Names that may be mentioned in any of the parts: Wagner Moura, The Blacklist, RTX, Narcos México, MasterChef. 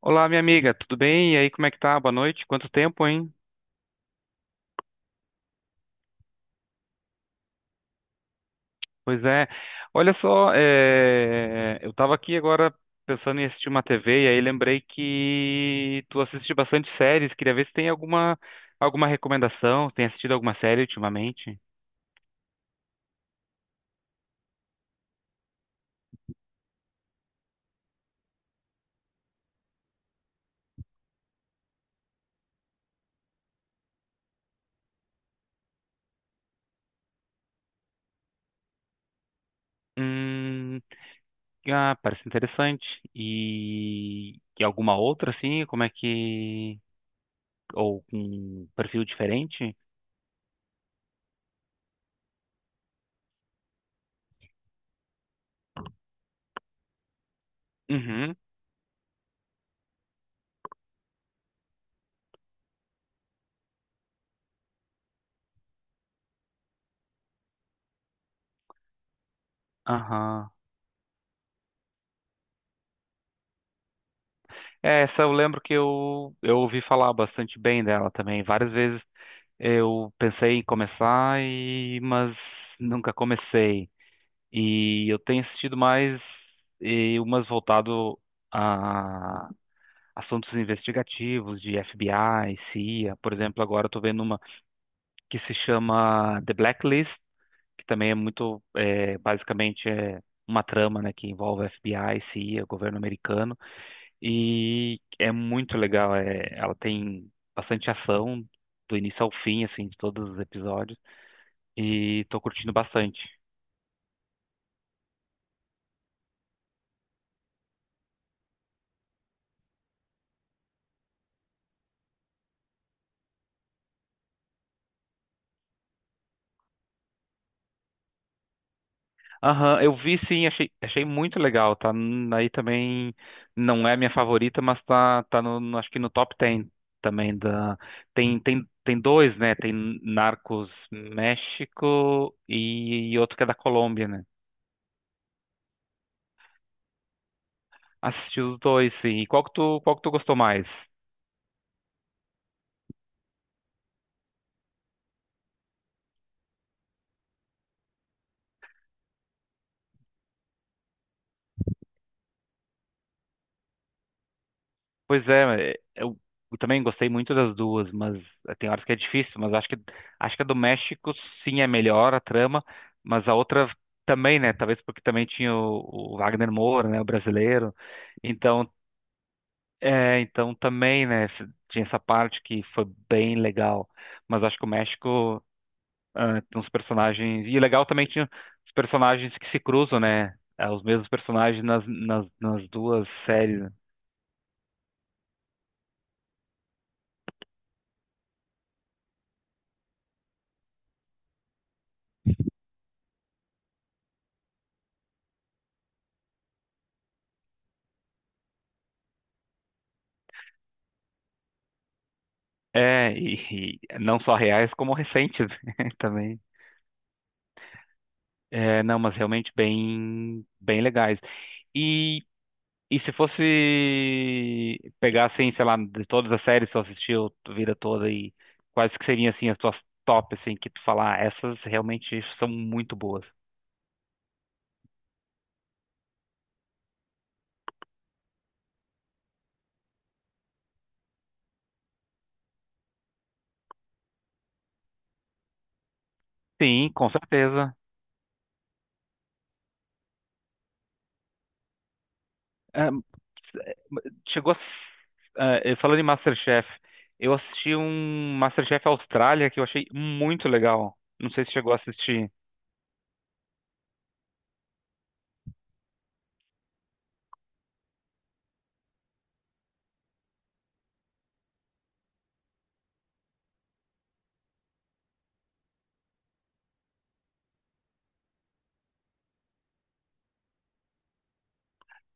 Olá, minha amiga, tudo bem? E aí, como é que tá? Boa noite. Quanto tempo, hein? Pois é. Olha só, eu tava aqui agora pensando em assistir uma TV e aí lembrei que tu assiste bastante séries. Queria ver se tem alguma recomendação, se tem assistido alguma série ultimamente. Hum, ah, parece interessante. E alguma outra, assim? Como é que? Ou com um perfil diferente? Uhum. Aham. É, essa eu lembro que eu ouvi falar bastante bem dela também. Várias vezes eu pensei em começar, mas nunca comecei. E eu tenho assistido mais e umas voltado a assuntos investigativos de FBI, CIA. Por exemplo, agora eu tô vendo uma que se chama The Blacklist, que também é muito, basicamente é uma trama, né, que envolve FBI, CIA, governo americano. E é muito legal. É, ela tem bastante ação do início ao fim, assim, de todos os episódios. E tô curtindo bastante. Aham, eu vi, sim, achei muito legal. Tá, aí também, não é a minha favorita, mas acho que no top 10 também da. Tem dois, né? Tem Narcos México e outro que é da Colômbia, né? Assisti os dois, sim. E qual que tu gostou mais? Pois é, eu também gostei muito das duas, mas tem horas que é difícil, mas acho que a do México sim é melhor a trama, mas a outra também, né? Talvez porque também tinha o Wagner Moura, né, o brasileiro. Então, então também, né, tinha essa parte que foi bem legal, mas acho que o México, tem uns personagens, e legal também tinha os personagens que se cruzam, né? Os mesmos personagens nas, nas duas séries, né. É, e não só reais, como recentes também. É, não, mas realmente bem, bem legais. E, e se fosse pegar, assim, sei lá, de todas as séries que tu assistiu a vida toda, e quais que seriam, assim, as tuas top, assim, que tu falar, "Ah, essas realmente são muito boas." Sim, com certeza. Ah, chegou. Falando em MasterChef, eu assisti um MasterChef Austrália que eu achei muito legal. Não sei se chegou a assistir.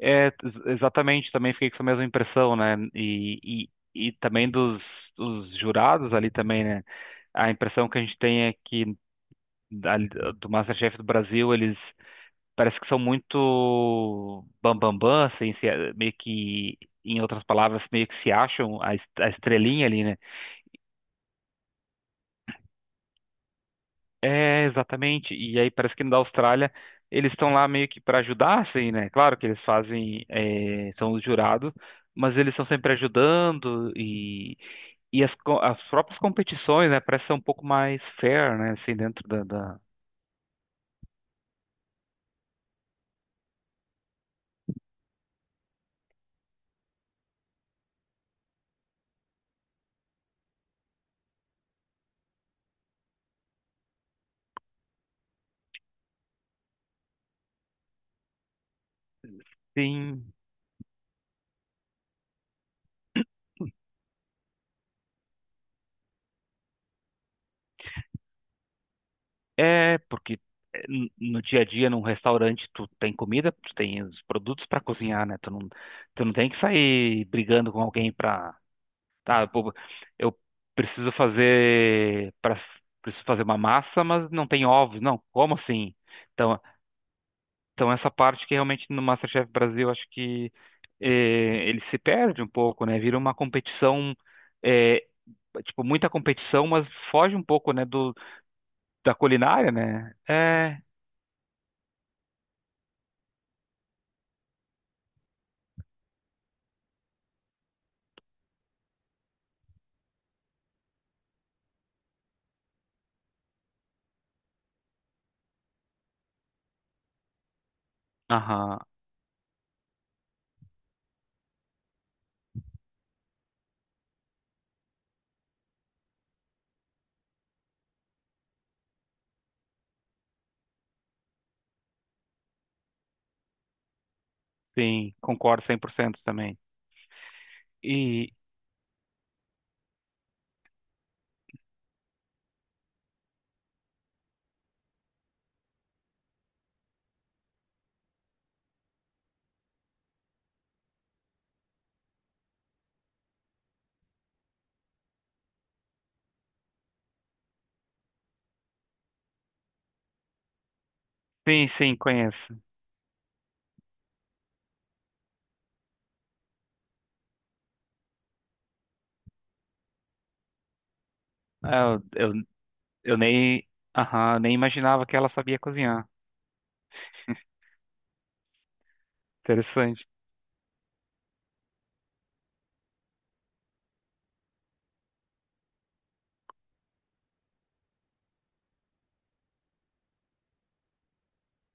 É, exatamente, também fiquei com essa mesma impressão, né? E também dos jurados ali também, né? A impressão que a gente tem é que, ali do MasterChef do Brasil, eles parece que são muito bam bam bam, assim, meio que, em outras palavras, meio que se acham a estrelinha ali, né? É, exatamente. E aí parece que na Austrália eles estão lá meio que para ajudar, assim, né? Claro que eles fazem, são os jurados, mas eles estão sempre ajudando, e as próprias competições, né? Parece ser um pouco mais fair, né? Assim, dentro da. Sim, porque no dia a dia, num restaurante, tu tem comida, tu tem os produtos para cozinhar, né? Tu não tem que sair brigando com alguém para. Tá, pô, eu preciso fazer para preciso fazer uma massa, mas não tem ovos, não. Como assim? Então, então essa parte que realmente no MasterChef Brasil, acho que ele se perde um pouco, né? Vira uma competição, eh, tipo, muita competição, mas foge um pouco, né, do da culinária, né? É, aham, sim, concordo 100% também. E sim, sim, conheço. Ah, eu nem, aham, nem imaginava que ela sabia cozinhar. Interessante.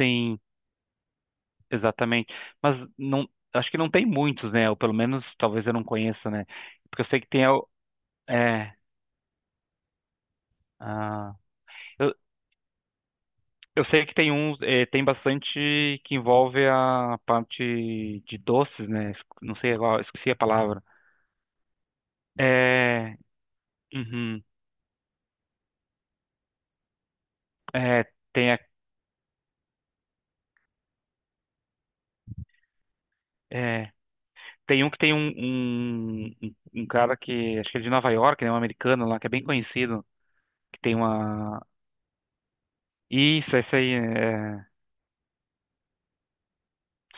Sim, exatamente. Mas não, acho que não tem muitos, né? Ou pelo menos talvez eu não conheça, né? Porque eu sei que tem. É, ah, eu, eu sei que tem uns. Tem bastante que envolve a parte de doces, né? Não sei agora, esqueci a palavra. É. Uhum. é, tem, a- é, Tem um que tem um cara que. Acho que é de Nova York, né? Um americano lá, que é bem conhecido. Que tem uma. Isso, esse aí. É,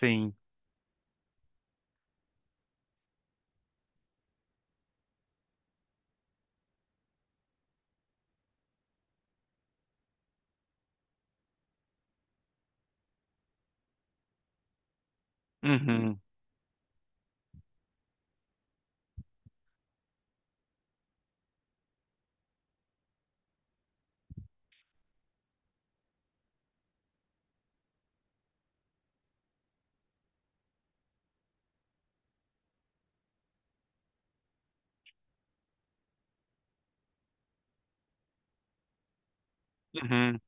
sim. Uhum. Uhum.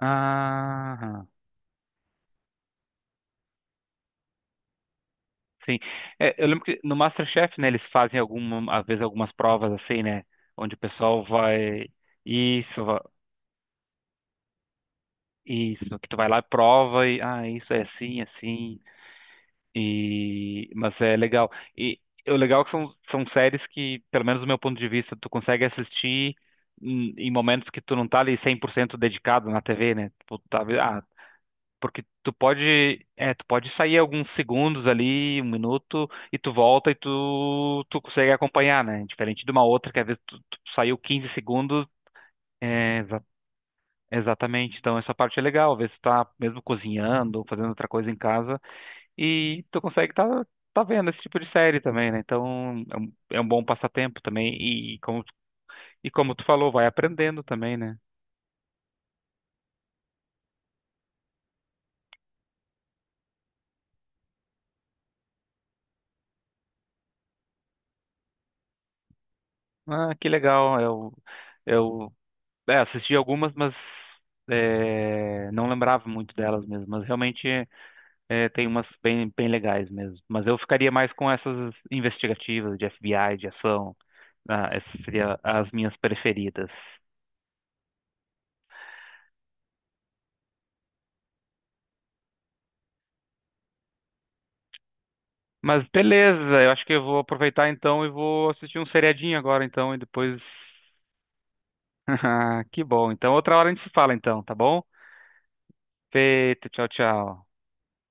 Ah, sim. É, eu lembro que no MasterChef, né, eles fazem alguma, às vezes algumas provas, assim, né, onde o pessoal vai, isso, isso, que tu vai lá e prova, e isso é assim, assim. E mas é legal. E o legal é que são séries que, pelo menos do meu ponto de vista, tu consegue assistir em momentos que tu não tá ali 100% dedicado na TV, né? Tu tá. Porque tu pode sair alguns segundos ali, um minuto, e tu volta, e tu consegue acompanhar, né? Diferente de uma outra, que às vezes tu saiu 15 segundos, é, exa- exatamente. Então essa parte é legal, às vezes tu tá mesmo cozinhando, ou fazendo outra coisa em casa, e tu consegue tá vendo esse tipo de série também, né? Então é um bom passatempo também, e como tu falou, vai aprendendo também, né? Ah, que legal. Eu Assisti algumas, mas não lembrava muito delas mesmo. Mas realmente, tem umas bem, bem legais mesmo. Mas eu ficaria mais com essas investigativas de FBI, de ação. Ah, essas seriam as minhas preferidas. Mas beleza, eu acho que eu vou aproveitar então e vou assistir um seriadinho agora então e depois. Que bom. Então outra hora a gente se fala então, tá bom? Feito, tchau, tchau.